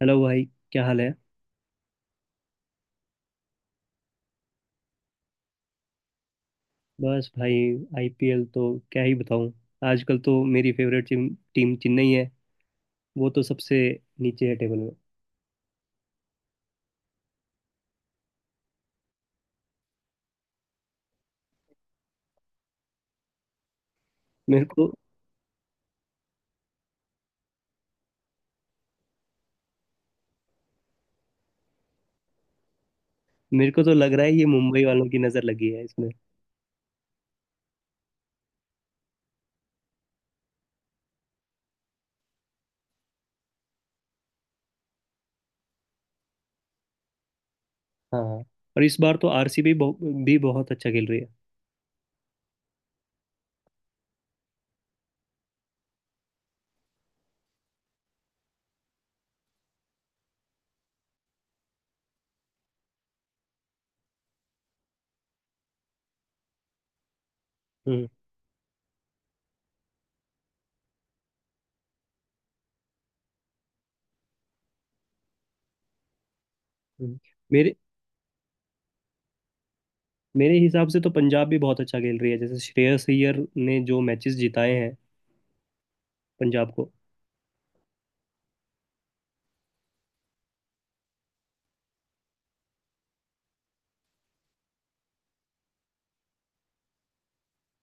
Hello भाई, क्या हाल है। बस भाई, आईपीएल तो क्या ही बताऊं। आजकल तो मेरी फेवरेट टीम टीम चेन्नई है, वो तो सबसे नीचे है टेबल में। मेरे को मेरे को तो लग रहा है ये मुंबई वालों की नज़र लगी है इसमें। हाँ, और इस बार तो आरसीबी भी बहुत अच्छा खेल रही है। हम्म। हम्म। मेरे मेरे हिसाब से तो पंजाब भी बहुत अच्छा खेल रही है, जैसे श्रेयस अय्यर ने जो मैचेस जिताए हैं पंजाब को।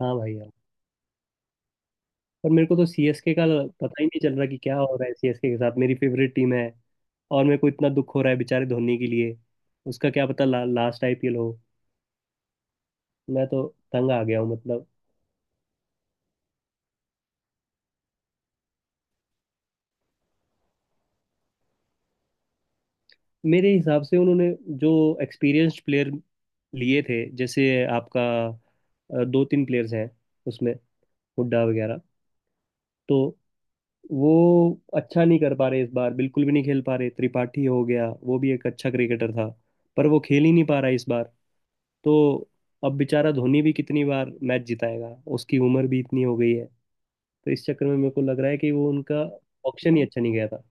हाँ भाई, पर मेरे को तो सीएसके का पता ही नहीं चल रहा कि क्या हो रहा है सीएसके के साथ। मेरी फेवरेट टीम है और मेरे को इतना दुख हो रहा है बेचारे धोनी के लिए। उसका क्या पता, लास्ट आईपीएल हो। मैं तो तंग आ गया हूँ मतलब। मेरे हिसाब से उन्होंने जो एक्सपीरियंस्ड प्लेयर लिए थे, जैसे आपका दो तीन प्लेयर्स हैं उसमें, हुड्डा वगैरह, तो वो अच्छा नहीं कर पा रहे इस बार, बिल्कुल भी नहीं खेल पा रहे। त्रिपाठी हो गया, वो भी एक अच्छा क्रिकेटर था, पर वो खेल ही नहीं पा रहा इस बार। तो अब बेचारा धोनी भी कितनी बार मैच जिताएगा, उसकी उम्र भी इतनी हो गई है। तो इस चक्कर में मेरे को लग रहा है कि वो उनका ऑप्शन ही अच्छा नहीं गया था।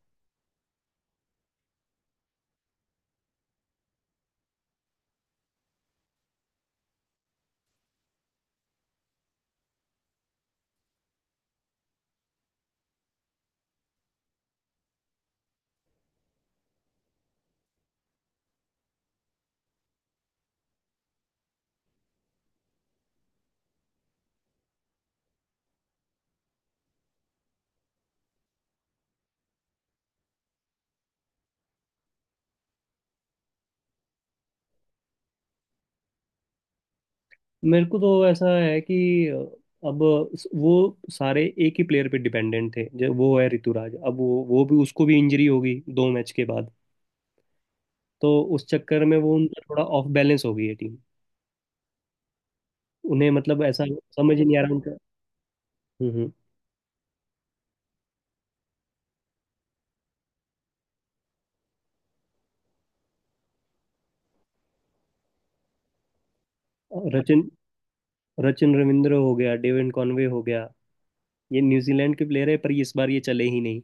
मेरे को तो ऐसा है कि अब वो सारे एक ही प्लेयर पे डिपेंडेंट थे, जो वो है ऋतुराज। अब वो भी, उसको भी इंजरी हो गई दो मैच के बाद। तो उस चक्कर में वो उनका थोड़ा ऑफ बैलेंस हो गई है टीम। उन्हें मतलब ऐसा समझ ही नहीं आ रहा उनका। हम्म। रचिन रचिन रविंद्र हो गया, डेविन कॉनवे हो गया, ये न्यूजीलैंड के प्लेयर है पर इस बार ये चले ही नहीं।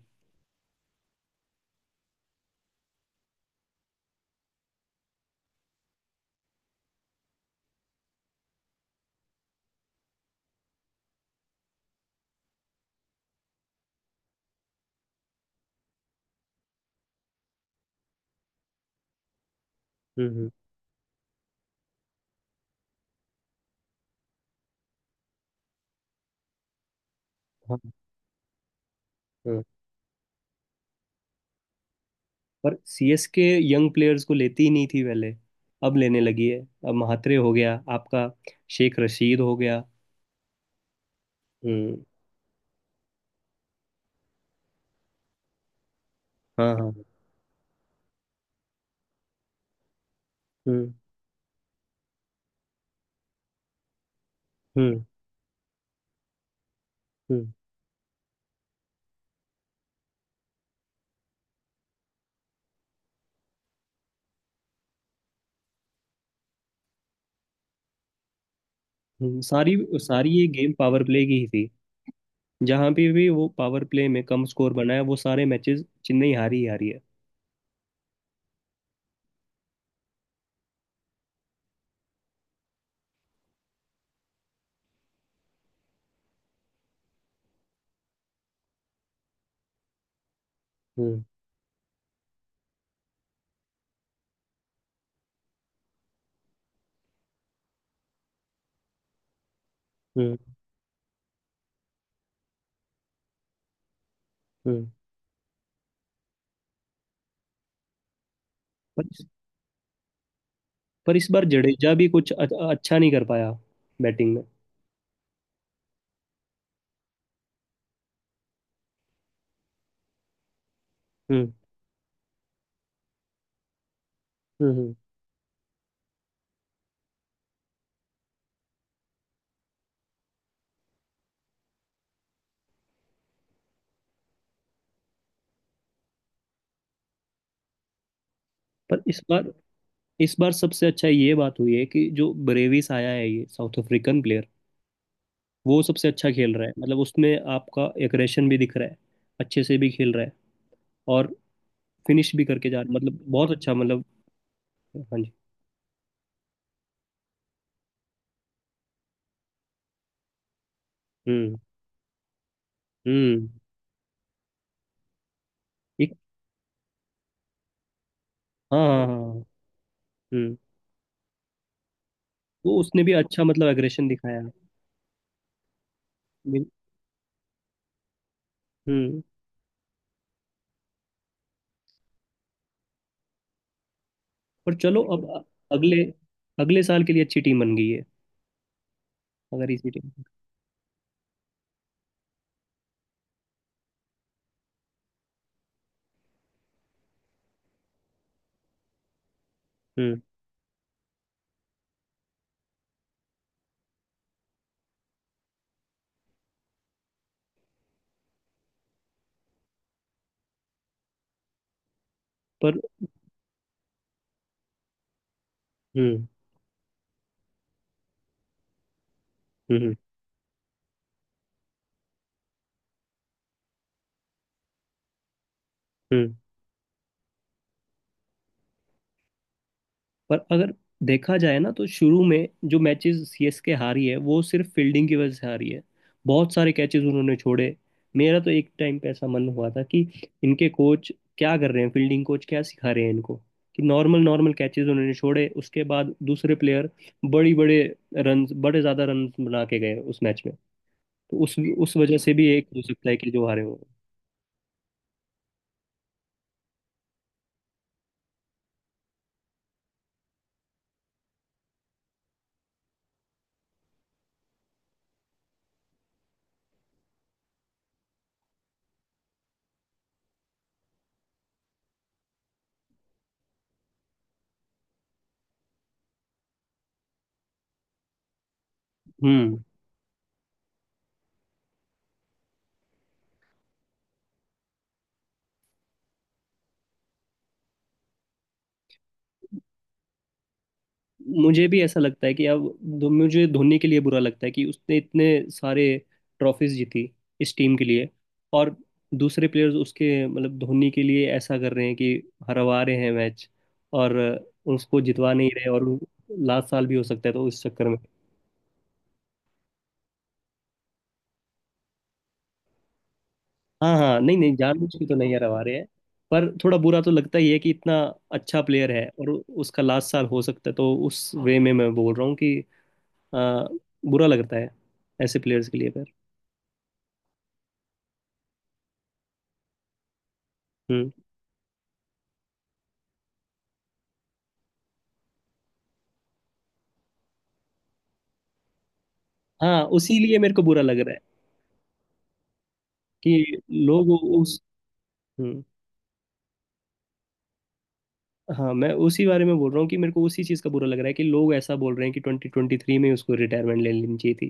हम्म। हाँ। हम्म। पर सीएसके यंग प्लेयर्स को लेती ही नहीं थी पहले, अब लेने लगी है। अब महात्रे हो गया आपका, शेख रशीद हो गया। हम्म। हाँ हाँ। हम्म हम्म हम्म सारी सारी ये गेम पावर प्ले की ही थी, जहां पे भी वो पावर प्ले में कम स्कोर बनाया वो सारे मैचेस चेन्नई हारी ही हारी है। हम्म। हम्म हम्म पर, इस पर इस बार जडेजा भी कुछ अच्छा नहीं कर पाया बैटिंग में। हम्म। हम्म हम्म। पर इस बार सबसे अच्छा ये बात हुई है कि जो ब्रेविस आया है, ये साउथ अफ्रीकन प्लेयर, वो सबसे अच्छा खेल रहा है। मतलब उसमें आपका एग्रेशन भी दिख रहा है, अच्छे से भी खेल रहा है, और फिनिश भी करके जा रहा है। मतलब बहुत अच्छा, मतलब हाँ जी। हम्म। हम्म एक हाँ हाँ हाँ हाँ। हम्म। वो उसने भी अच्छा, मतलब एग्रेशन दिखाया। हम्म। पर चलो अब, अ- अगले अगले साल के लिए अच्छी टीम बन गई है, अगर इसी टीम पर। हम्म। पर हम्म हम्म हम्म पर अगर देखा जाए ना, तो शुरू में जो मैचेस सीएसके हारी है वो सिर्फ फील्डिंग की वजह से हारी है। बहुत सारे कैचेस उन्होंने छोड़े। मेरा तो एक टाइम पे ऐसा मन हुआ था कि इनके कोच क्या कर रहे हैं, फील्डिंग कोच क्या सिखा रहे हैं इनको, कि नॉर्मल नॉर्मल कैचेस उन्होंने छोड़े। उसके बाद दूसरे प्लेयर बड़ी बड़े रन बड़े ज्यादा रन बना के गए उस मैच में। तो उस उस वजह से भी एक हो सकता है कि जो हारे हों। हम्म। मुझे भी ऐसा लगता है कि अब, मुझे धोनी के लिए बुरा लगता है कि उसने इतने सारे ट्रॉफीज जीती इस टीम के लिए, और दूसरे प्लेयर्स उसके, मतलब धोनी के लिए ऐसा कर रहे हैं कि हरवा रहे हैं मैच, और उसको जितवा नहीं रहे। और लास्ट साल भी हो सकता है तो इस चक्कर में। हाँ हाँ, नहीं नहीं, जानबूझ के तो नहीं हरवा रहे हैं। पर थोड़ा बुरा तो लगता ही है कि इतना अच्छा प्लेयर है और उसका लास्ट साल हो सकता है, तो उस वे में मैं बोल रहा हूँ कि अ, बुरा लगता है ऐसे प्लेयर्स के लिए। पर हाँ, उसी लिए मेरे को बुरा लग रहा है कि लोग उस। हम्म। हाँ, मैं उसी बारे में बोल रहा हूँ कि मेरे को उसी चीज़ का बुरा लग रहा है कि लोग ऐसा बोल रहे हैं कि 2023 में उसको रिटायरमेंट ले लेनी चाहिए थी।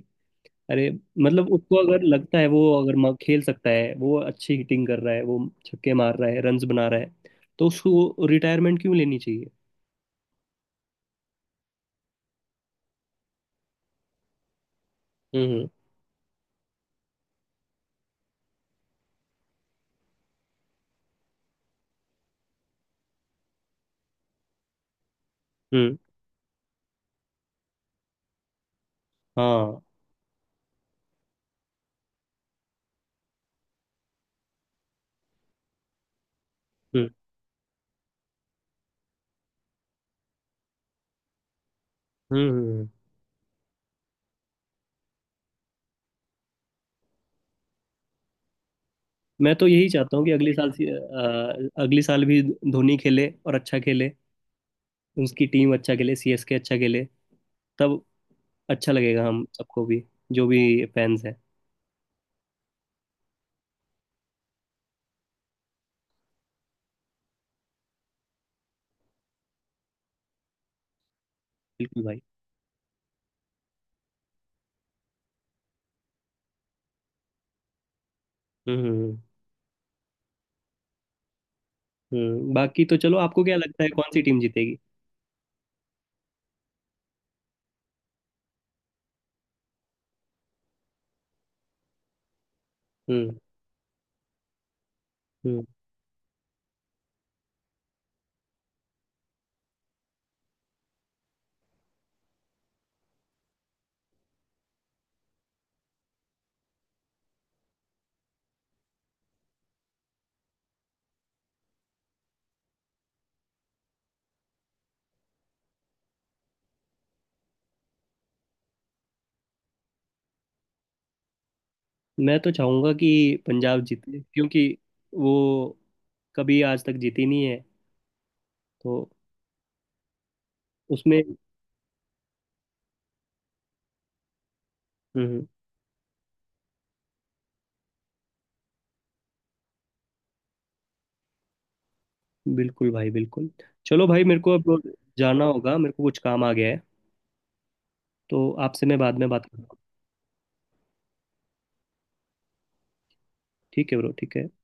अरे, मतलब उसको अगर लगता है, वो अगर खेल सकता है, वो अच्छी हिटिंग कर रहा है, वो छक्के मार रहा है, रन्स बना रहा है, तो उसको रिटायरमेंट क्यों लेनी चाहिए। हम्म। हम्म हाँ। हम्म हम्म हम्म। मैं तो यही चाहता हूँ कि अगले साल से, अगले साल भी धोनी खेले और अच्छा खेले, उसकी टीम अच्छा खेले, सीएसके अच्छा खेले। तब अच्छा लगेगा हम सबको भी, जो भी फैंस है। बिल्कुल भाई। हम्म। बाकी तो चलो, आपको क्या लगता है कौन सी टीम जीतेगी। हम्म। हम्म मैं तो चाहूंगा कि पंजाब जीते, क्योंकि वो कभी आज तक जीती नहीं है, तो उसमें। हम्म। बिल्कुल भाई, बिल्कुल। चलो भाई, मेरे को अब जाना होगा, मेरे को कुछ काम आ गया है, तो आपसे मैं बाद में बात करूंगा। ठीक है ब्रो, ठीक है।